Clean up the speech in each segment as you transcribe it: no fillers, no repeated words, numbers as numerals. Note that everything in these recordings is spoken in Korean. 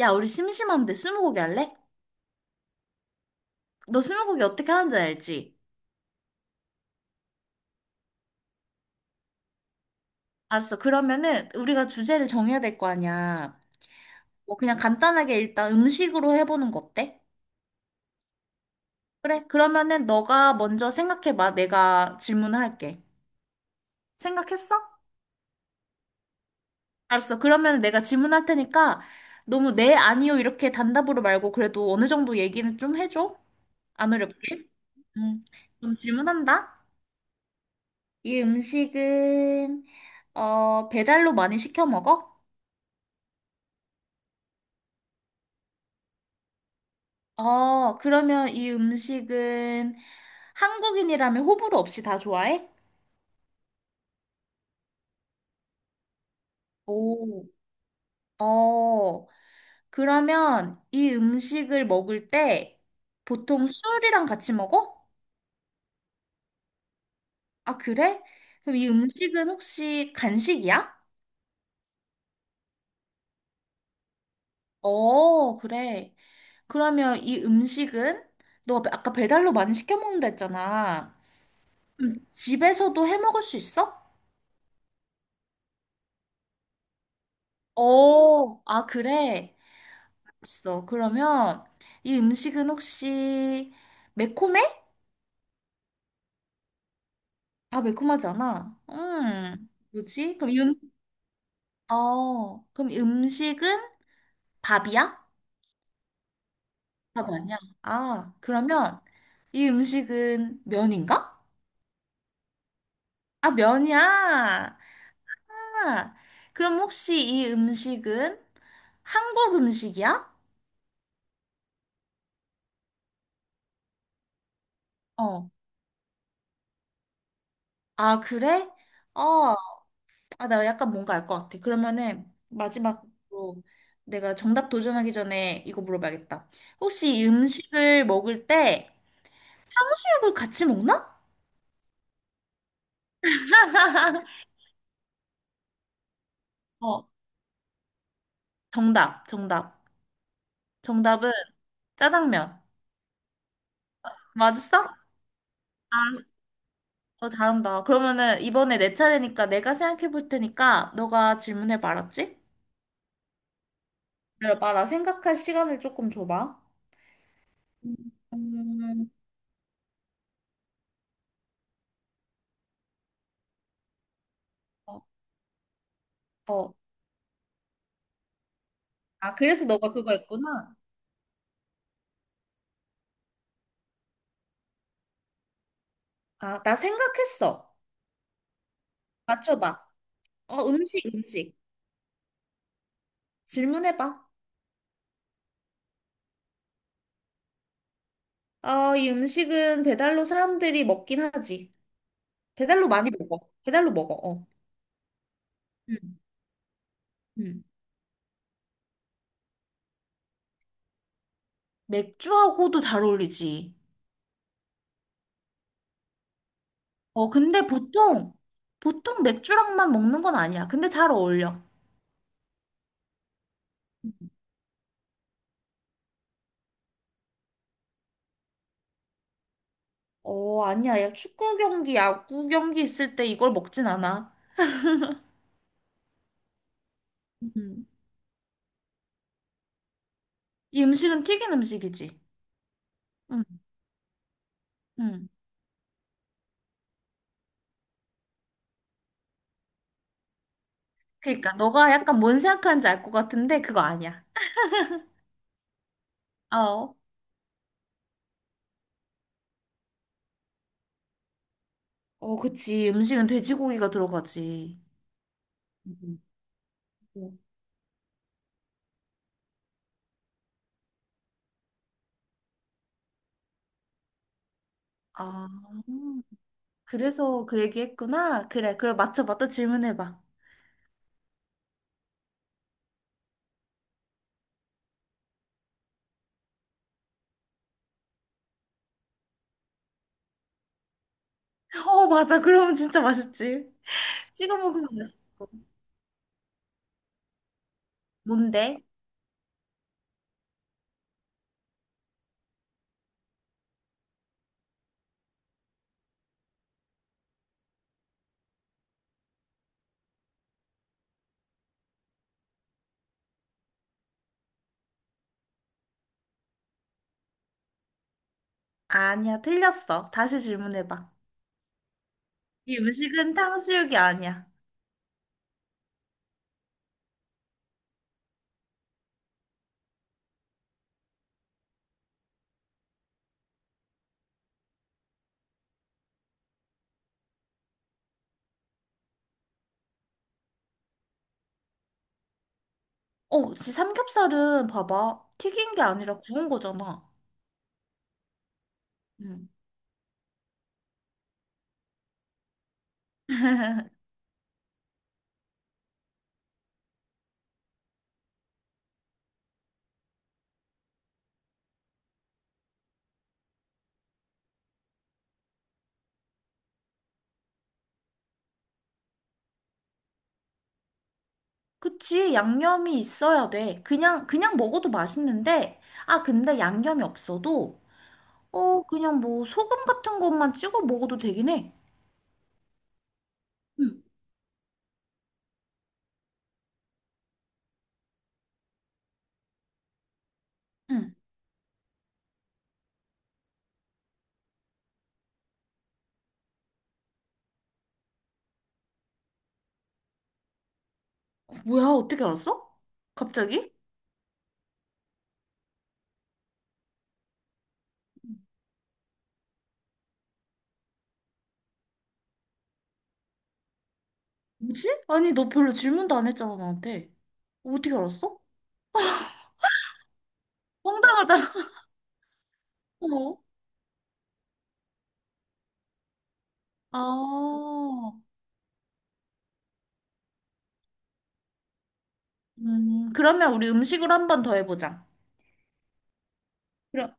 야, 우리 심심한데 스무고개 할래? 너 스무고개 어떻게 하는지 알지? 알았어. 그러면은 우리가 주제를 정해야 될 거 아니야. 뭐 그냥 간단하게 일단 음식으로 해보는 거 어때? 그래. 그러면은 너가 먼저 생각해봐. 내가 질문을 할게. 생각했어? 알았어. 그러면 내가 질문할 테니까 너무 네, 아니요 이렇게 단답으로 말고 그래도 어느 정도 얘기는 좀 해줘. 안 어렵게. 음. 그럼 질문한다. 이 음식은 배달로 많이 시켜 먹어? 어, 그러면 이 음식은 한국인이라면 호불호 없이 다 좋아해? 오. 어, 그러면 이 음식을 먹을 때 보통 술이랑 같이 먹어? 아, 그래? 그럼 이 음식은 혹시 간식이야? 어, 그래. 그러면 이 음식은 너 아까 배달로 많이 시켜 먹는다 했잖아. 그럼 집에서도 해 먹을 수 있어? 어, 아, 그래. 있어. 그러면 이 음식은 혹시 매콤해? 아, 매콤하지 않아 뭐지? 그럼 이 어, 그럼 이 음식은 밥이야? 밥 아니야? 아, 그러면 이 음식은 면인가? 아, 면이야. 아, 그럼 혹시 이 음식은 한국 음식이야? 어. 아, 그래? 어, 아, 나 약간 뭔가 알 것 같아. 그러면은 마지막으로 내가 정답 도전하기 전에 이거 물어봐야겠다. 혹시 이 음식을 먹을 때 수육을 같이 먹나? 어, 정답, 정답. 정답은 짜장면. 맞았어? 알았어, 어, 잘한다. 그러면은 이번에 내 차례니까 내가 생각해 볼 테니까 너가 질문해 봐, 알았지? 기다려봐, 나 생각할 시간을 조금 줘봐. 음, 어, 어. 아, 그래서 너가 그거 했구나. 아, 나 생각했어. 맞춰봐. 어, 음식, 음식. 질문해봐. 어, 이 음식은 배달로 사람들이 먹긴 하지. 배달로 많이 먹어. 배달로 먹어, 어. 음, 음. 맥주하고도 잘 어울리지. 어, 근데 보통, 보통 맥주랑만 먹는 건 아니야. 근데 잘 어울려. 어, 아니야. 야, 축구 경기, 야구 경기 있을 때 이걸 먹진 않아. 음. 이 음식은 튀긴 음식이지. 응, 응 그러니까 너가 약간 뭔 생각하는지 알 것 같은데 그거 아니야. 어. 어, 그치. 음식은 돼지고기가 들어가지. 음, 음. 아, 그래서 그 얘기했구나. 그래, 그럼 맞춰봐. 또 질문해봐. 어, 맞아. 그러면 진짜 맛있지. 찍어 먹으면 맛있고. 뭔데? 아니야, 틀렸어. 다시 질문해봐. 이 음식은 탕수육이 아니야. 어, 그치. 삼겹살은 봐봐. 튀긴 게 아니라 구운 거잖아. 응. 그치. 양념이 있어야 돼. 그냥 먹어도 맛있는데, 아, 근데 양념이 없어도 그냥 뭐 소금 같은 것만 찍어 먹어도 되긴 해. 응, 응. 뭐야, 어떻게 알았어? 갑자기? 뭐지? 아니, 너 별로 질문도 안 했잖아, 나한테. 어떻게 알았어? 황당하다. 어. 아, 그러면 우리 음식으로 한 번 더 해보자. 그럼,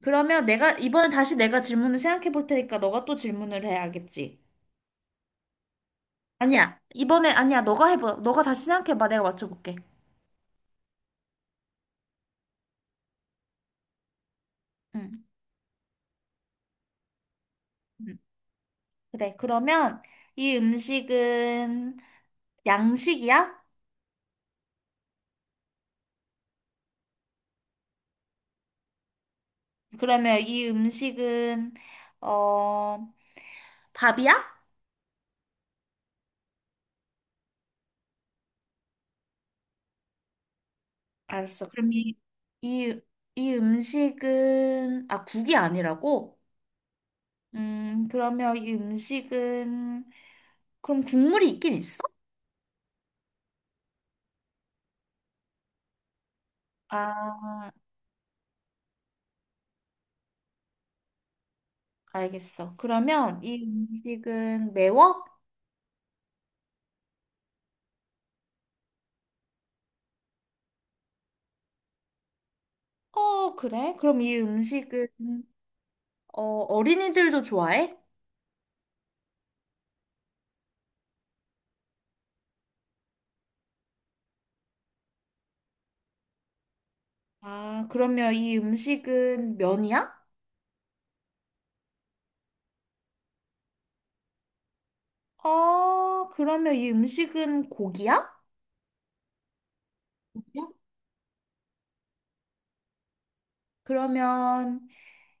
그러면 내가, 이번에 다시 내가 질문을 생각해 볼 테니까 너가 또 질문을 해야겠지. 아니야, 이번에, 아니야, 너가 해봐. 너가 다시 생각해봐. 내가 맞춰볼게. 응. 응. 그래, 그러면 이 음식은 양식이야? 그러면 이 음식은 어 밥이야? 알았어. 그럼 이, 이 음식은 아 국이 아니라고? 그러면 이 음식은 그럼 국물이 있긴 있어? 아 알겠어. 그러면 이 음식은 매워? 어 그래? 그럼 이 음식은 어 어린이들도 좋아해? 아 그러면 이 음식은 면이야? 어, 그러면 이 음식은 고기야? 그러면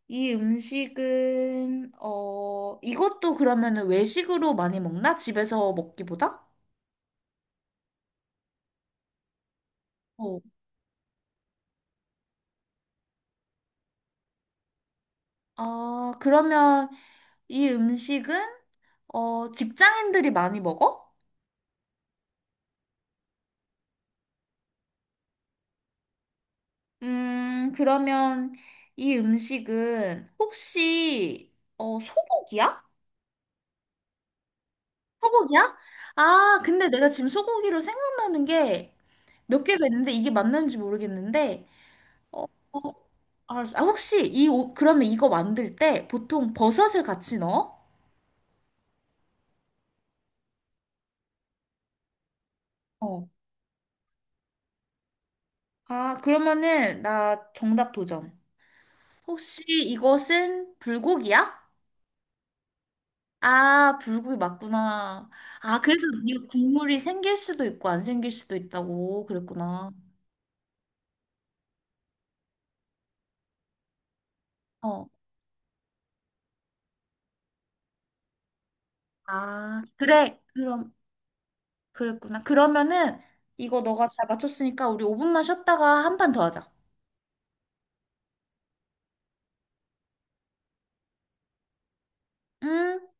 이 음식은, 어, 이것도 그러면은 외식으로 많이 먹나? 집에서 먹기보다? 어. 아, 그러면 이 음식은, 어, 직장인들이 많이 먹어? 그러면 이 음식은 혹시, 어, 소고기야? 소고기야? 아, 근데 내가 지금 소고기로 생각나는 게 몇 개가 있는데 이게 맞는지 모르겠는데 어, 어, 알았어. 아, 혹시 이 옷, 그러면 이거 만들 때 보통 버섯을 같이 넣어? 어. 아, 그러면은 나 정답 도전. 혹시 이것은 불고기야? 아, 불고기 맞구나. 아, 그래서 이 국물이 생길 수도 있고 안 생길 수도 있다고 그랬구나. 어. 아, 그래. 그럼, 그랬구나. 그러면은 이거 너가 잘 맞췄으니까 우리 5분만 쉬었다가 한 판 더 하자. 음.